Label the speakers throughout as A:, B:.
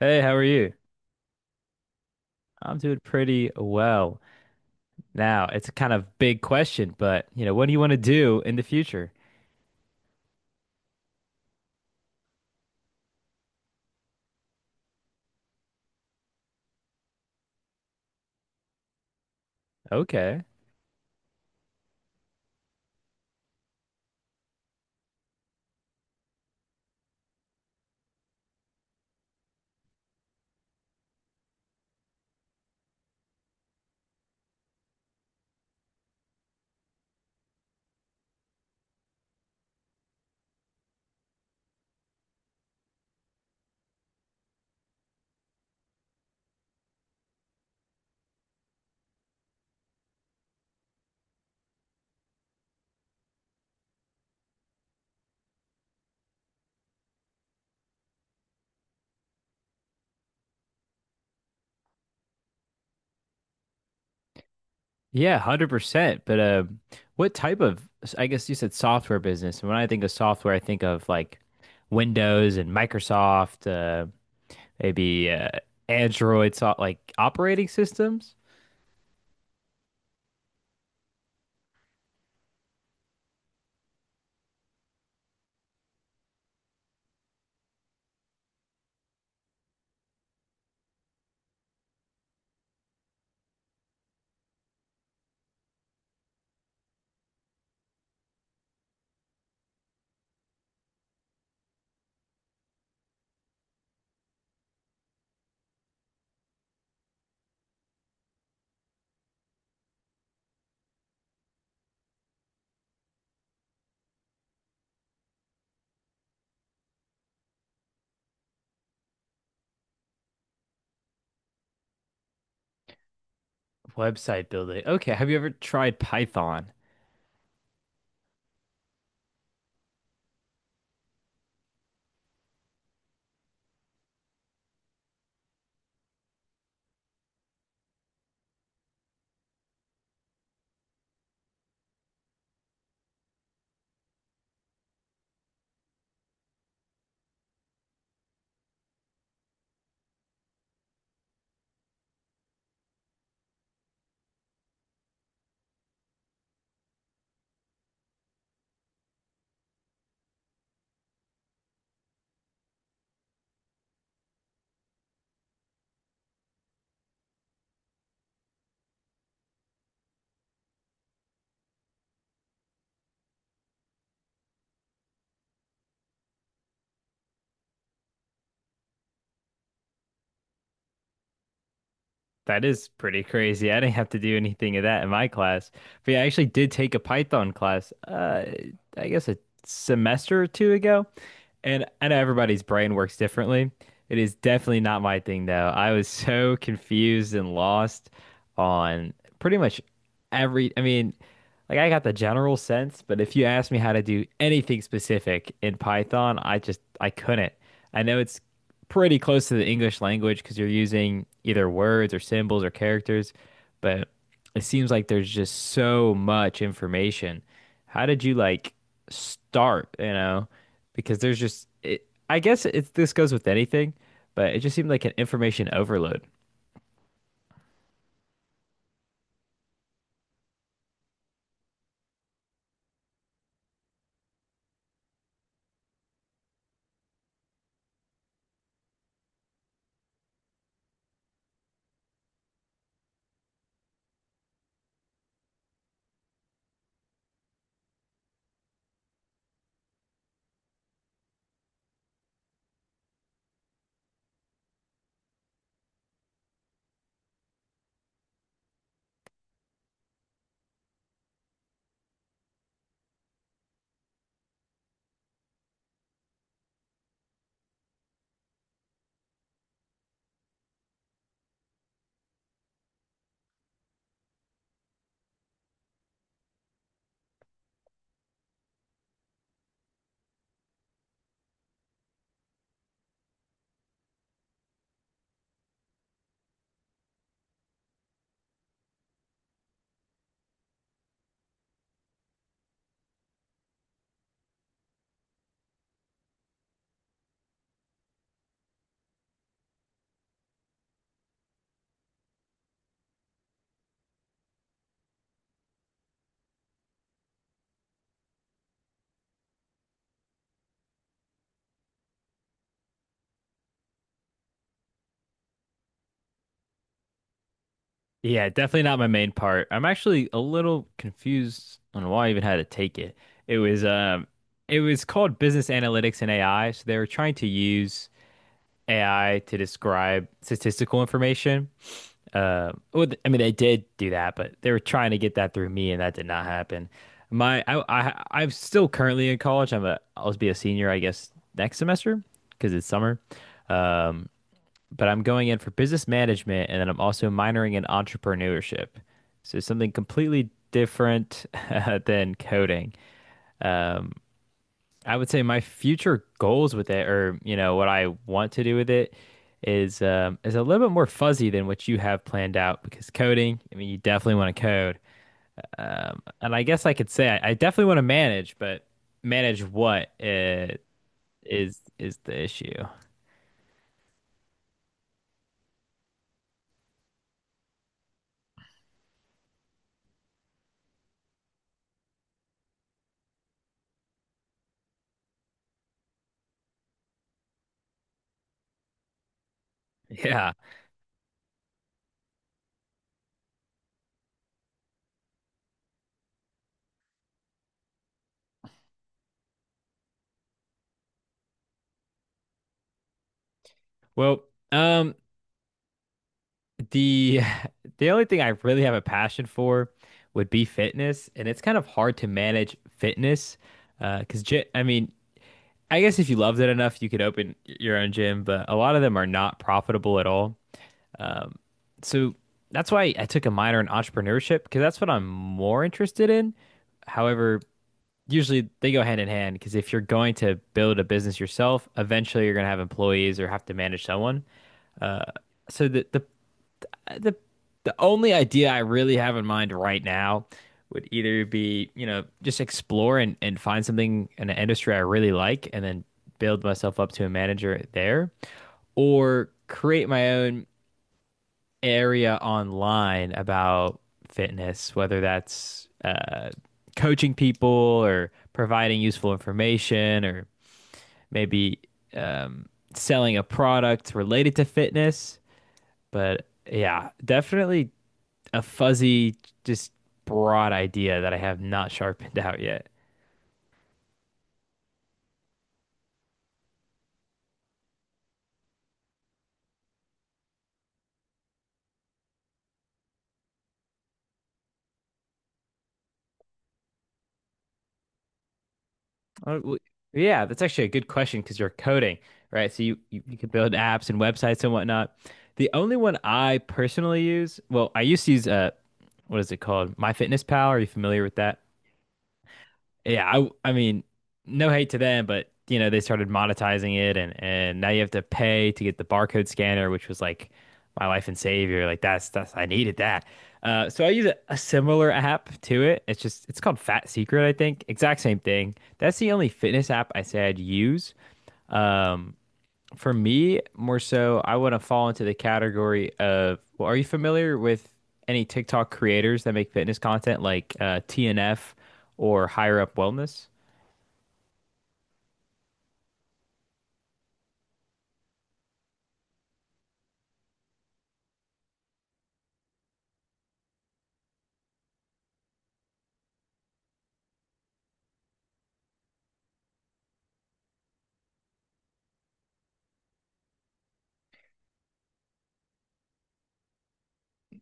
A: Hey, how are you? I'm doing pretty well. Now, it's a kind of big question, but you know, what do you want to do in the future? Okay. Yeah, 100%. But what type of, I guess you said software business. And when I think of software, I think of like Windows and Microsoft, maybe Android, so like operating systems, website building. Okay. Have you ever tried Python? That is pretty crazy. I didn't have to do anything of that in my class. But yeah, I actually did take a Python class, I guess a semester or two ago. And I know everybody's brain works differently. It is definitely not my thing, though. I was so confused and lost on pretty much every, I mean, like I got the general sense, but if you asked me how to do anything specific in Python, I couldn't. I know it's pretty close to the English language because you're using either words or symbols or characters, but it seems like there's just so much information. How did you like start, you know? Because there's just I guess it's this goes with anything, but it just seemed like an information overload. Yeah, definitely not my main part. I'm actually a little confused on why I even had to take it. It was um it was called business analytics and AI, so they were trying to use AI to describe statistical information. Well, I mean, they did do that, but they were trying to get that through me, and that did not happen. I'm still currently in college. I'll be a senior, I guess, next semester because it's summer. Um, but I'm going in for business management, and then I'm also minoring in entrepreneurship. So something completely different than coding. Um, I would say my future goals with it, or you know, what I want to do with it, is a little bit more fuzzy than what you have planned out. Because coding, I mean, you definitely want to code, and I guess I could say I definitely want to manage, but manage what is the issue? Yeah. Well, um, the the only thing I really have a passion for would be fitness, and it's kind of hard to manage fitness because I mean I guess if you loved it enough, you could open your own gym, but a lot of them are not profitable at all. Um, so that's why I took a minor in entrepreneurship because that's what I'm more interested in. However, usually they go hand in hand because if you're going to build a business yourself, eventually you're going to have employees or have to manage someone. So the the only idea I really have in mind right now would either be, you know, just explore and find something in an industry I really like and then build myself up to a manager there, or create my own area online about fitness, whether that's coaching people or providing useful information or maybe um, selling a product related to fitness. But yeah, definitely a fuzzy, just broad idea that I have not sharpened out yet. I do yeah, that's actually a good question because you're coding, right? So you can build apps and websites and whatnot. The only one I personally use, well, I used to use what is it called? MyFitnessPal. Are you familiar with that? Yeah, I mean, no hate to them, but you know, they started monetizing it and now you have to pay to get the barcode scanner, which was like my life and savior. Like that's I needed that. So I use a similar app to it. It's just it's called Fat Secret, I think. Exact same thing. That's the only fitness app I say I'd use. Um, for me, more so, I want to fall into the category of, well, are you familiar with any TikTok creators that make fitness content like TNF or Higher Up Wellness?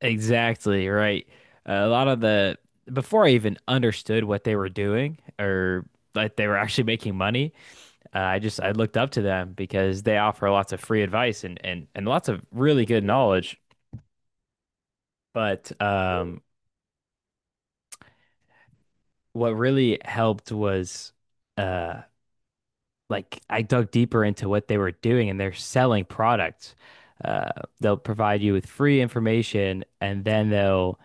A: Exactly, right. A lot of the, Before I even understood what they were doing or that they were actually making money, I just, I looked up to them because they offer lots of free advice and lots of really good knowledge. But what really helped was, uh, like I dug deeper into what they were doing and they're selling products. Uh, they'll provide you with free information and then they'll,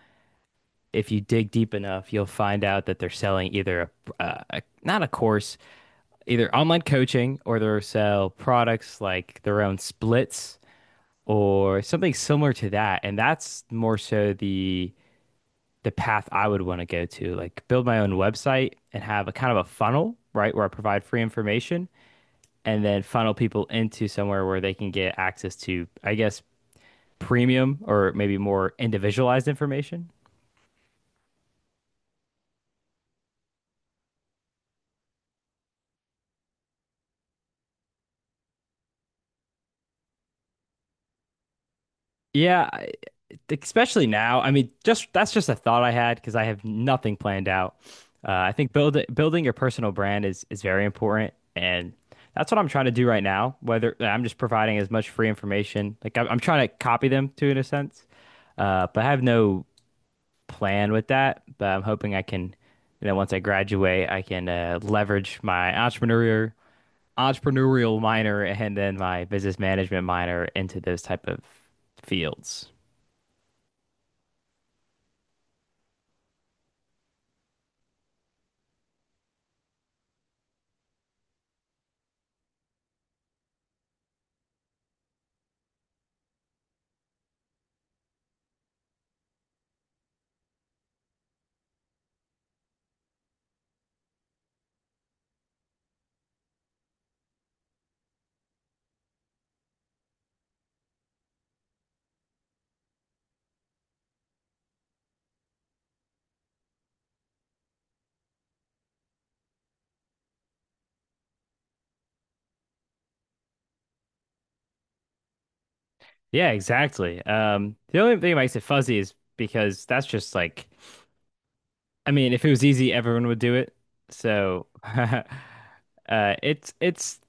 A: if you dig deep enough, you'll find out that they're selling either a not a course, either online coaching or they'll sell products like their own splits or something similar to that. And that's more so the path I would want to go to, like build my own website and have a kind of a funnel, right, where I provide free information and then funnel people into somewhere where they can get access to, I guess, premium or maybe more individualized information. Yeah, especially now. I mean, just that's just a thought I had because I have nothing planned out. I think building your personal brand is very important, and that's what I'm trying to do right now. Whether I'm just providing as much free information, like I'm trying to copy them to in a sense, but I have no plan with that, but I'm hoping I can, you know, once I graduate, I can leverage my entrepreneurial minor and then my business management minor into those type of fields. Yeah, exactly. The only thing that makes it fuzzy is because that's just like, I mean, if it was easy, everyone would do it. So, it's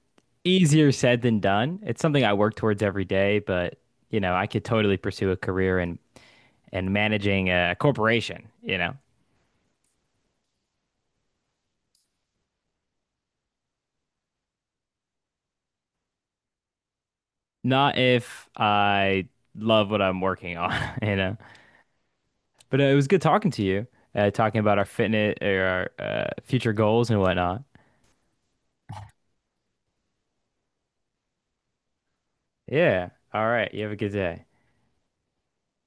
A: easier said than done. It's something I work towards every day, but you know, I could totally pursue a career in. And managing a corporation, you know, not if I love what I'm working on, you know. But it was good talking to you, talking about our fitness or our future goals and whatnot. Yeah. All right. You have a good day.